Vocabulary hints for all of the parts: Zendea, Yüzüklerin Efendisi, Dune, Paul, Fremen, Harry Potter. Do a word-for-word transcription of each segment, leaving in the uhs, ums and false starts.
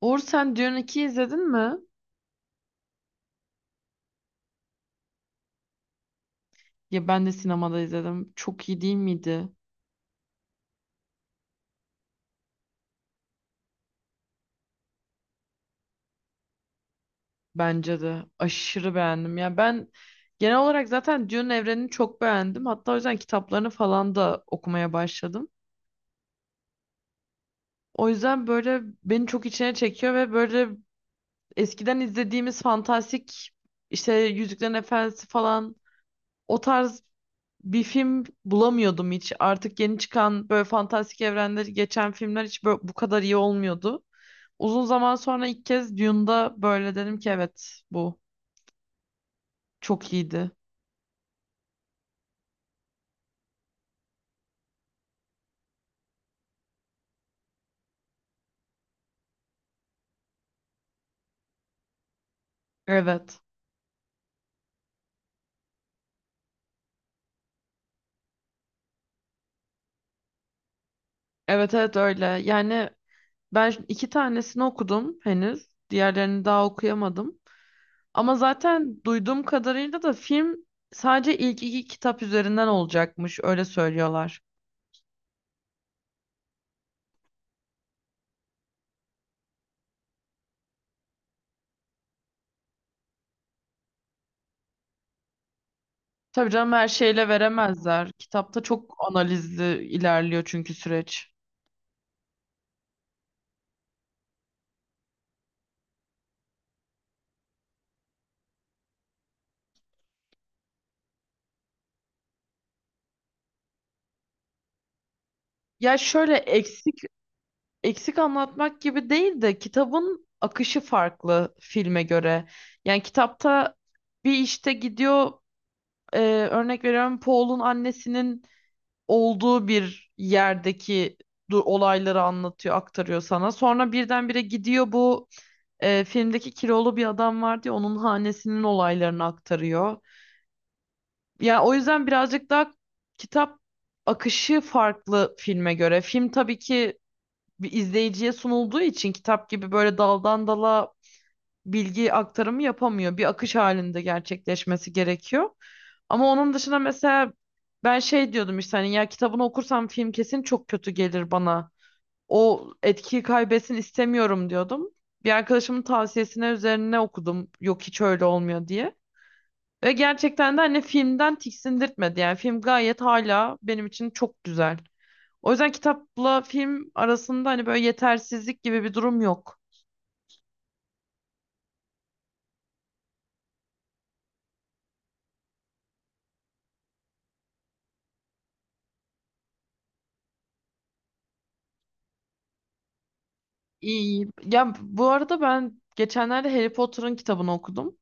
Uğur sen Dune ikiyi izledin mi? Ya ben de sinemada izledim. Çok iyi değil miydi? Bence de. Aşırı beğendim. Ya ben genel olarak zaten Dune evrenini çok beğendim. Hatta o yüzden kitaplarını falan da okumaya başladım. O yüzden böyle beni çok içine çekiyor ve böyle eskiden izlediğimiz fantastik işte Yüzüklerin Efendisi falan o tarz bir film bulamıyordum hiç. Artık yeni çıkan böyle fantastik evrenleri geçen filmler hiç böyle bu kadar iyi olmuyordu. Uzun zaman sonra ilk kez Dune'da böyle dedim ki evet bu çok iyiydi. Evet. Evet evet öyle. Yani ben iki tanesini okudum henüz. Diğerlerini daha okuyamadım. Ama zaten duyduğum kadarıyla da film sadece ilk iki kitap üzerinden olacakmış. Öyle söylüyorlar. Tabii canım her şeyle veremezler. Kitapta çok analizli ilerliyor çünkü süreç. Ya şöyle eksik eksik anlatmak gibi değil de kitabın akışı farklı filme göre. Yani kitapta bir işte gidiyor e, örnek veriyorum Paul'un annesinin olduğu bir yerdeki du- olayları anlatıyor, aktarıyor sana. Sonra birdenbire gidiyor bu e, filmdeki kilolu bir adam var diye onun hanesinin olaylarını aktarıyor. Yani o yüzden birazcık daha kitap akışı farklı filme göre. Film tabii ki bir izleyiciye sunulduğu için kitap gibi böyle daldan dala bilgi aktarımı yapamıyor. Bir akış halinde gerçekleşmesi gerekiyor. Ama onun dışında mesela ben şey diyordum işte hani ya kitabını okursam film kesin çok kötü gelir bana. O etkiyi kaybetsin istemiyorum diyordum. Bir arkadaşımın tavsiyesine üzerine okudum. Yok hiç öyle olmuyor diye. Ve gerçekten de hani filmden tiksindirtmedi. Yani film gayet hala benim için çok güzel. O yüzden kitapla film arasında hani böyle yetersizlik gibi bir durum yok. İyi. Ya bu arada ben geçenlerde Harry Potter'ın kitabını okudum.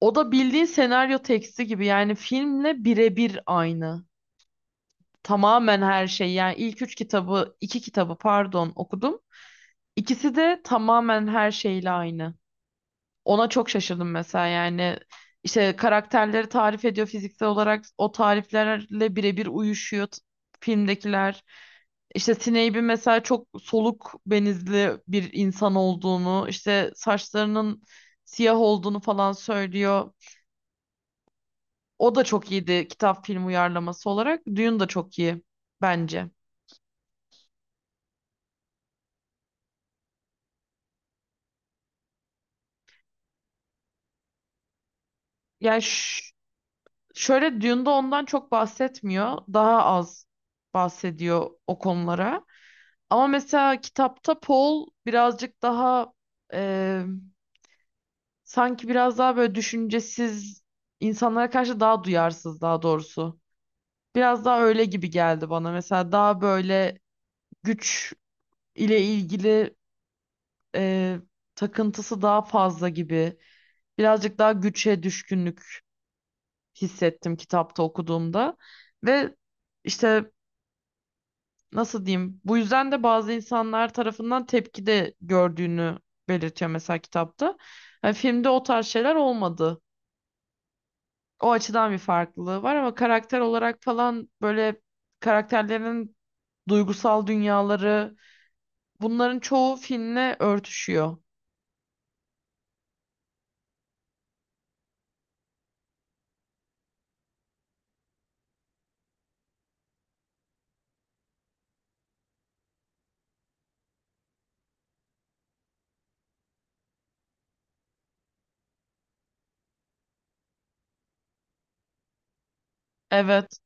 O da bildiğin senaryo teksti gibi yani filmle birebir aynı. Tamamen her şey yani ilk üç kitabı, iki kitabı pardon okudum. İkisi de tamamen her şeyle aynı. Ona çok şaşırdım mesela yani işte karakterleri tarif ediyor fiziksel olarak o tariflerle birebir uyuşuyor t- filmdekiler. İşte Snape'in mesela çok soluk benizli bir insan olduğunu, işte saçlarının siyah olduğunu falan söylüyor. O da çok iyiydi kitap film uyarlaması olarak. Dune da çok iyi bence. Yani ş- şöyle Dune'da ondan çok bahsetmiyor. Daha az bahsediyor o konulara. Ama mesela kitapta Paul birazcık daha e, sanki biraz daha böyle düşüncesiz insanlara karşı daha duyarsız daha doğrusu. Biraz daha öyle gibi geldi bana. Mesela daha böyle güç ile ilgili e, takıntısı daha fazla gibi. Birazcık daha güçe düşkünlük hissettim kitapta okuduğumda. Ve işte nasıl diyeyim? Bu yüzden de bazı insanlar tarafından tepki de gördüğünü belirtiyor mesela kitapta. Yani filmde o tarz şeyler olmadı. O açıdan bir farklılığı var ama karakter olarak falan böyle karakterlerin duygusal dünyaları bunların çoğu filmle örtüşüyor. Evet,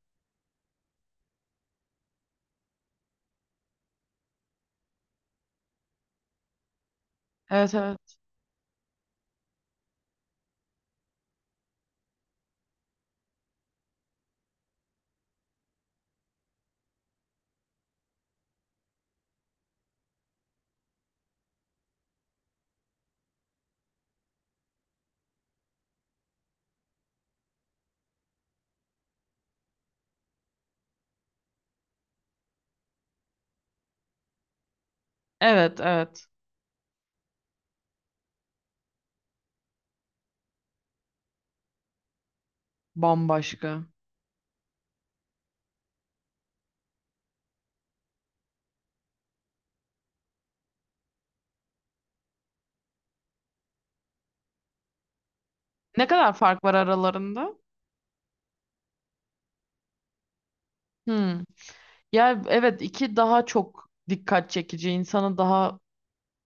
evet, evet. Evet, evet. Bambaşka. Ne kadar fark var aralarında? Hmm. Ya evet iki daha çok dikkat çekici, insanı daha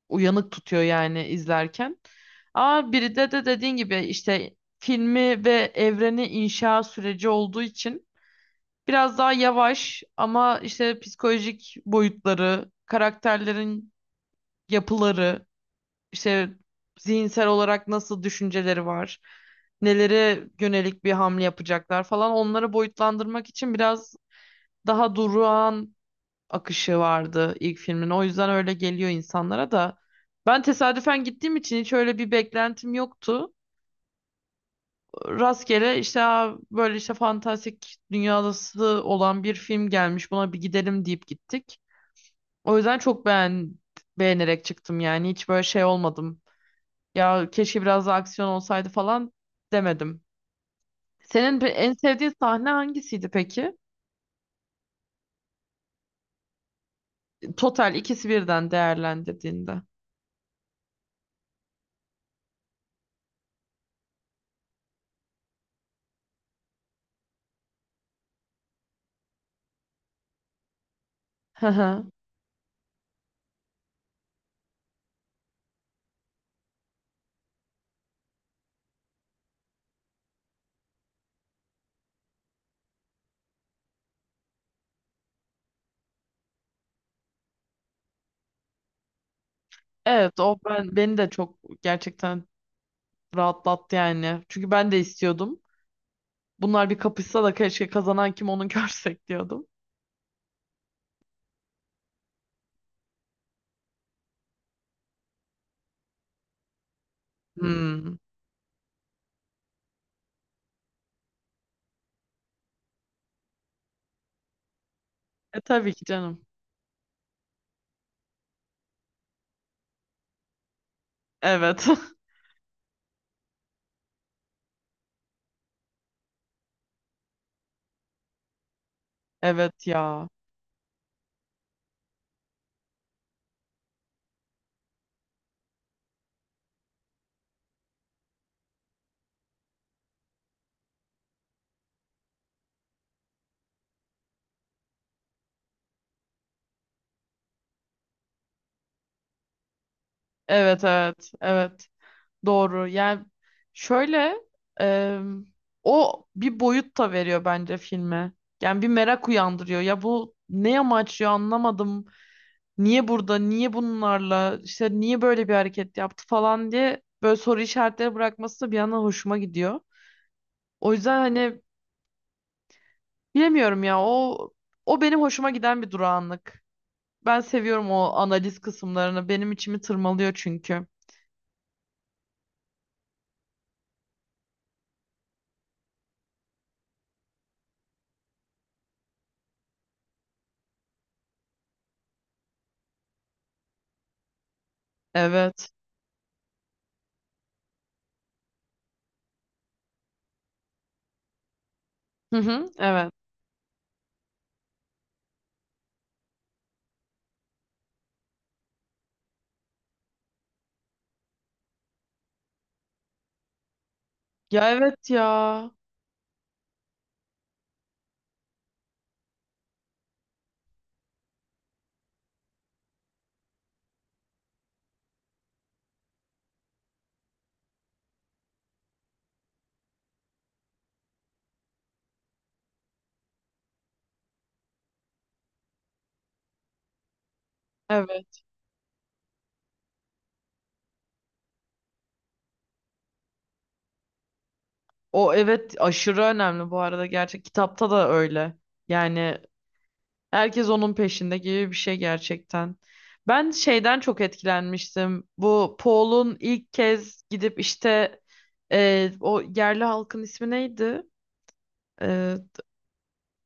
uyanık tutuyor yani izlerken. Ama biri de de dediğin gibi işte filmi ve evreni inşa süreci olduğu için biraz daha yavaş ama işte psikolojik boyutları, karakterlerin yapıları, işte zihinsel olarak nasıl düşünceleri var, nelere yönelik bir hamle yapacaklar falan onları boyutlandırmak için biraz daha durağan akışı vardı ilk filmin. O yüzden öyle geliyor insanlara da. Ben tesadüfen gittiğim için hiç öyle bir beklentim yoktu. Rastgele işte "Aa, böyle işte fantastik dünyası olan bir film gelmiş buna bir gidelim deyip gittik. O yüzden çok beğen beğenerek çıktım yani hiç böyle şey olmadım. Ya keşke biraz daha aksiyon olsaydı falan demedim. Senin bir- en sevdiğin sahne hangisiydi peki? Total ikisi birden değerlendirdiğinde. Hı hı. Evet o ben beni de çok gerçekten rahatlattı yani. Çünkü ben de istiyordum. Bunlar bir kapışsa da keşke kazanan kim onu görsek diyordum. Hmm. E tabii ki canım. Evet. Evet ya. Evet evet. Evet. Doğru. Yani şöyle e, o bir boyut da veriyor bence filme. Yani bir merak uyandırıyor. Ya bu ne amaçlıyor anlamadım. Niye burada, niye bunlarla, işte niye böyle bir hareket yaptı falan diye böyle soru işaretleri bırakması da bir yandan hoşuma gidiyor. O yüzden hani bilemiyorum ya o o benim hoşuma giden bir durağanlık. Ben seviyorum o analiz kısımlarını. Benim içimi tırmalıyor çünkü. Evet. Hı hı, evet. Ya evet ya. Evet. O evet aşırı önemli bu arada gerçek kitapta da öyle. Yani herkes onun peşinde gibi bir şey gerçekten. Ben şeyden çok etkilenmiştim. Bu Paul'un ilk kez gidip işte e, o yerli halkın ismi neydi? E,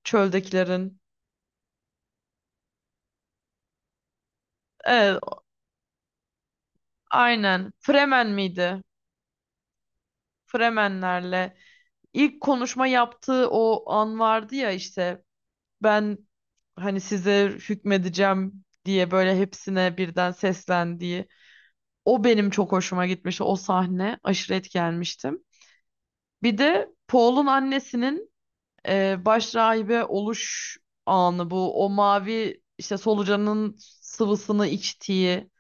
Çöldekilerin. Evet, aynen. Fremen miydi? Fremenlerle ilk konuşma yaptığı o an vardı ya işte ben hani size hükmedeceğim diye böyle hepsine birden seslendiği o benim çok hoşuma gitmişti. O sahne aşırı etkilenmiştim. Bir de Paul'un annesinin e, baş rahibe oluş anı bu o mavi işte solucanın sıvısını içtiği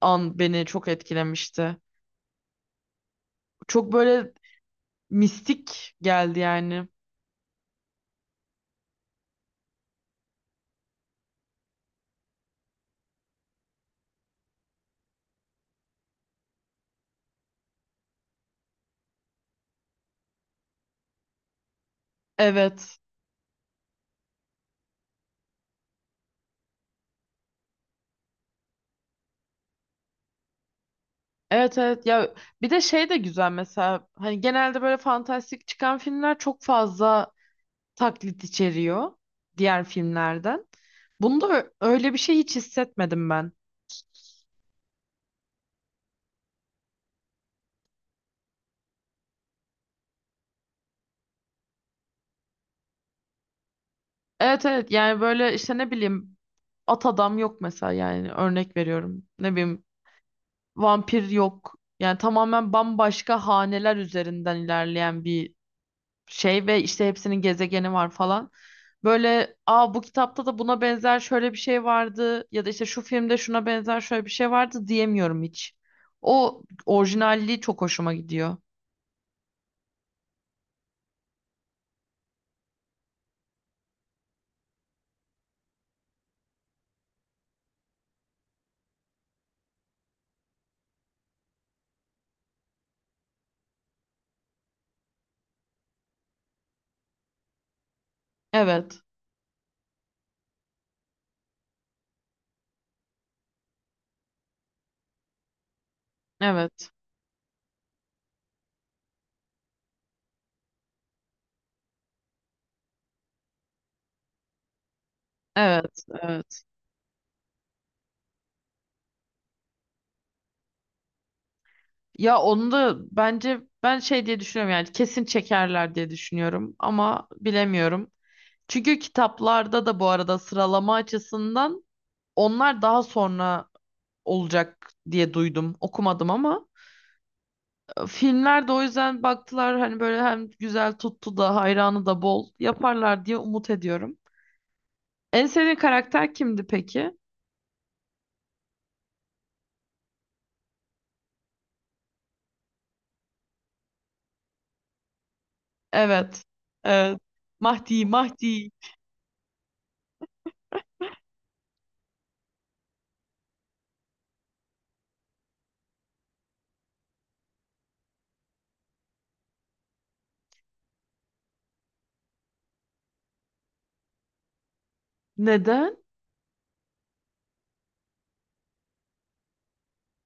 an beni çok etkilemişti. Çok böyle mistik geldi yani. Evet. Evet evet ya bir de şey de güzel mesela hani genelde böyle fantastik çıkan filmler çok fazla taklit içeriyor diğer filmlerden. Bunda ö- öyle bir şey hiç hissetmedim ben. Evet evet yani böyle işte ne bileyim at adam yok mesela yani örnek veriyorum. Ne bileyim vampir yok. Yani tamamen bambaşka haneler üzerinden ilerleyen bir şey ve işte hepsinin gezegeni var falan. Böyle aa bu kitapta da buna benzer şöyle bir şey vardı ya da işte şu filmde şuna benzer şöyle bir şey vardı diyemiyorum hiç. O orijinalliği çok hoşuma gidiyor. Evet. Evet. Evet. Evet. Ya onu da bence ben şey diye düşünüyorum yani kesin çekerler diye düşünüyorum ama bilemiyorum. Çünkü kitaplarda da bu arada sıralama açısından onlar daha sonra olacak diye duydum. Okumadım ama filmler de o yüzden baktılar hani böyle hem güzel tuttu da hayranı da bol yaparlar diye umut ediyorum. En sevdiğin karakter kimdi peki? Evet. Evet. Mahdi, Mahdi. Neden?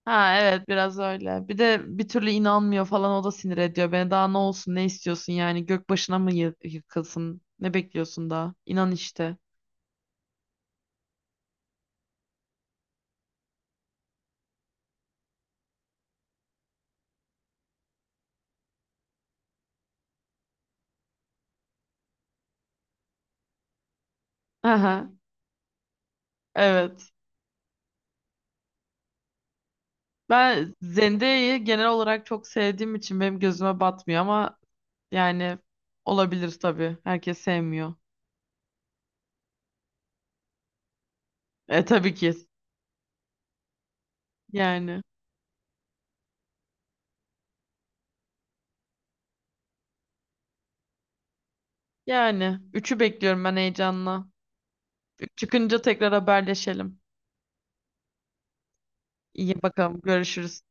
Ha evet biraz öyle. Bir de bir türlü inanmıyor falan o da sinir ediyor beni. Daha ne olsun ne istiyorsun yani gök başına mı yı- yıkılsın? Ne bekliyorsun daha? İnan işte. Aha, evet. Ben Zendea'yı genel olarak çok sevdiğim için benim gözüme batmıyor ama yani olabilir tabii. Herkes sevmiyor. E tabii ki. Yani. Yani. Üçü bekliyorum ben heyecanla. Üç çıkınca tekrar haberleşelim. İyi bakalım. Görüşürüz.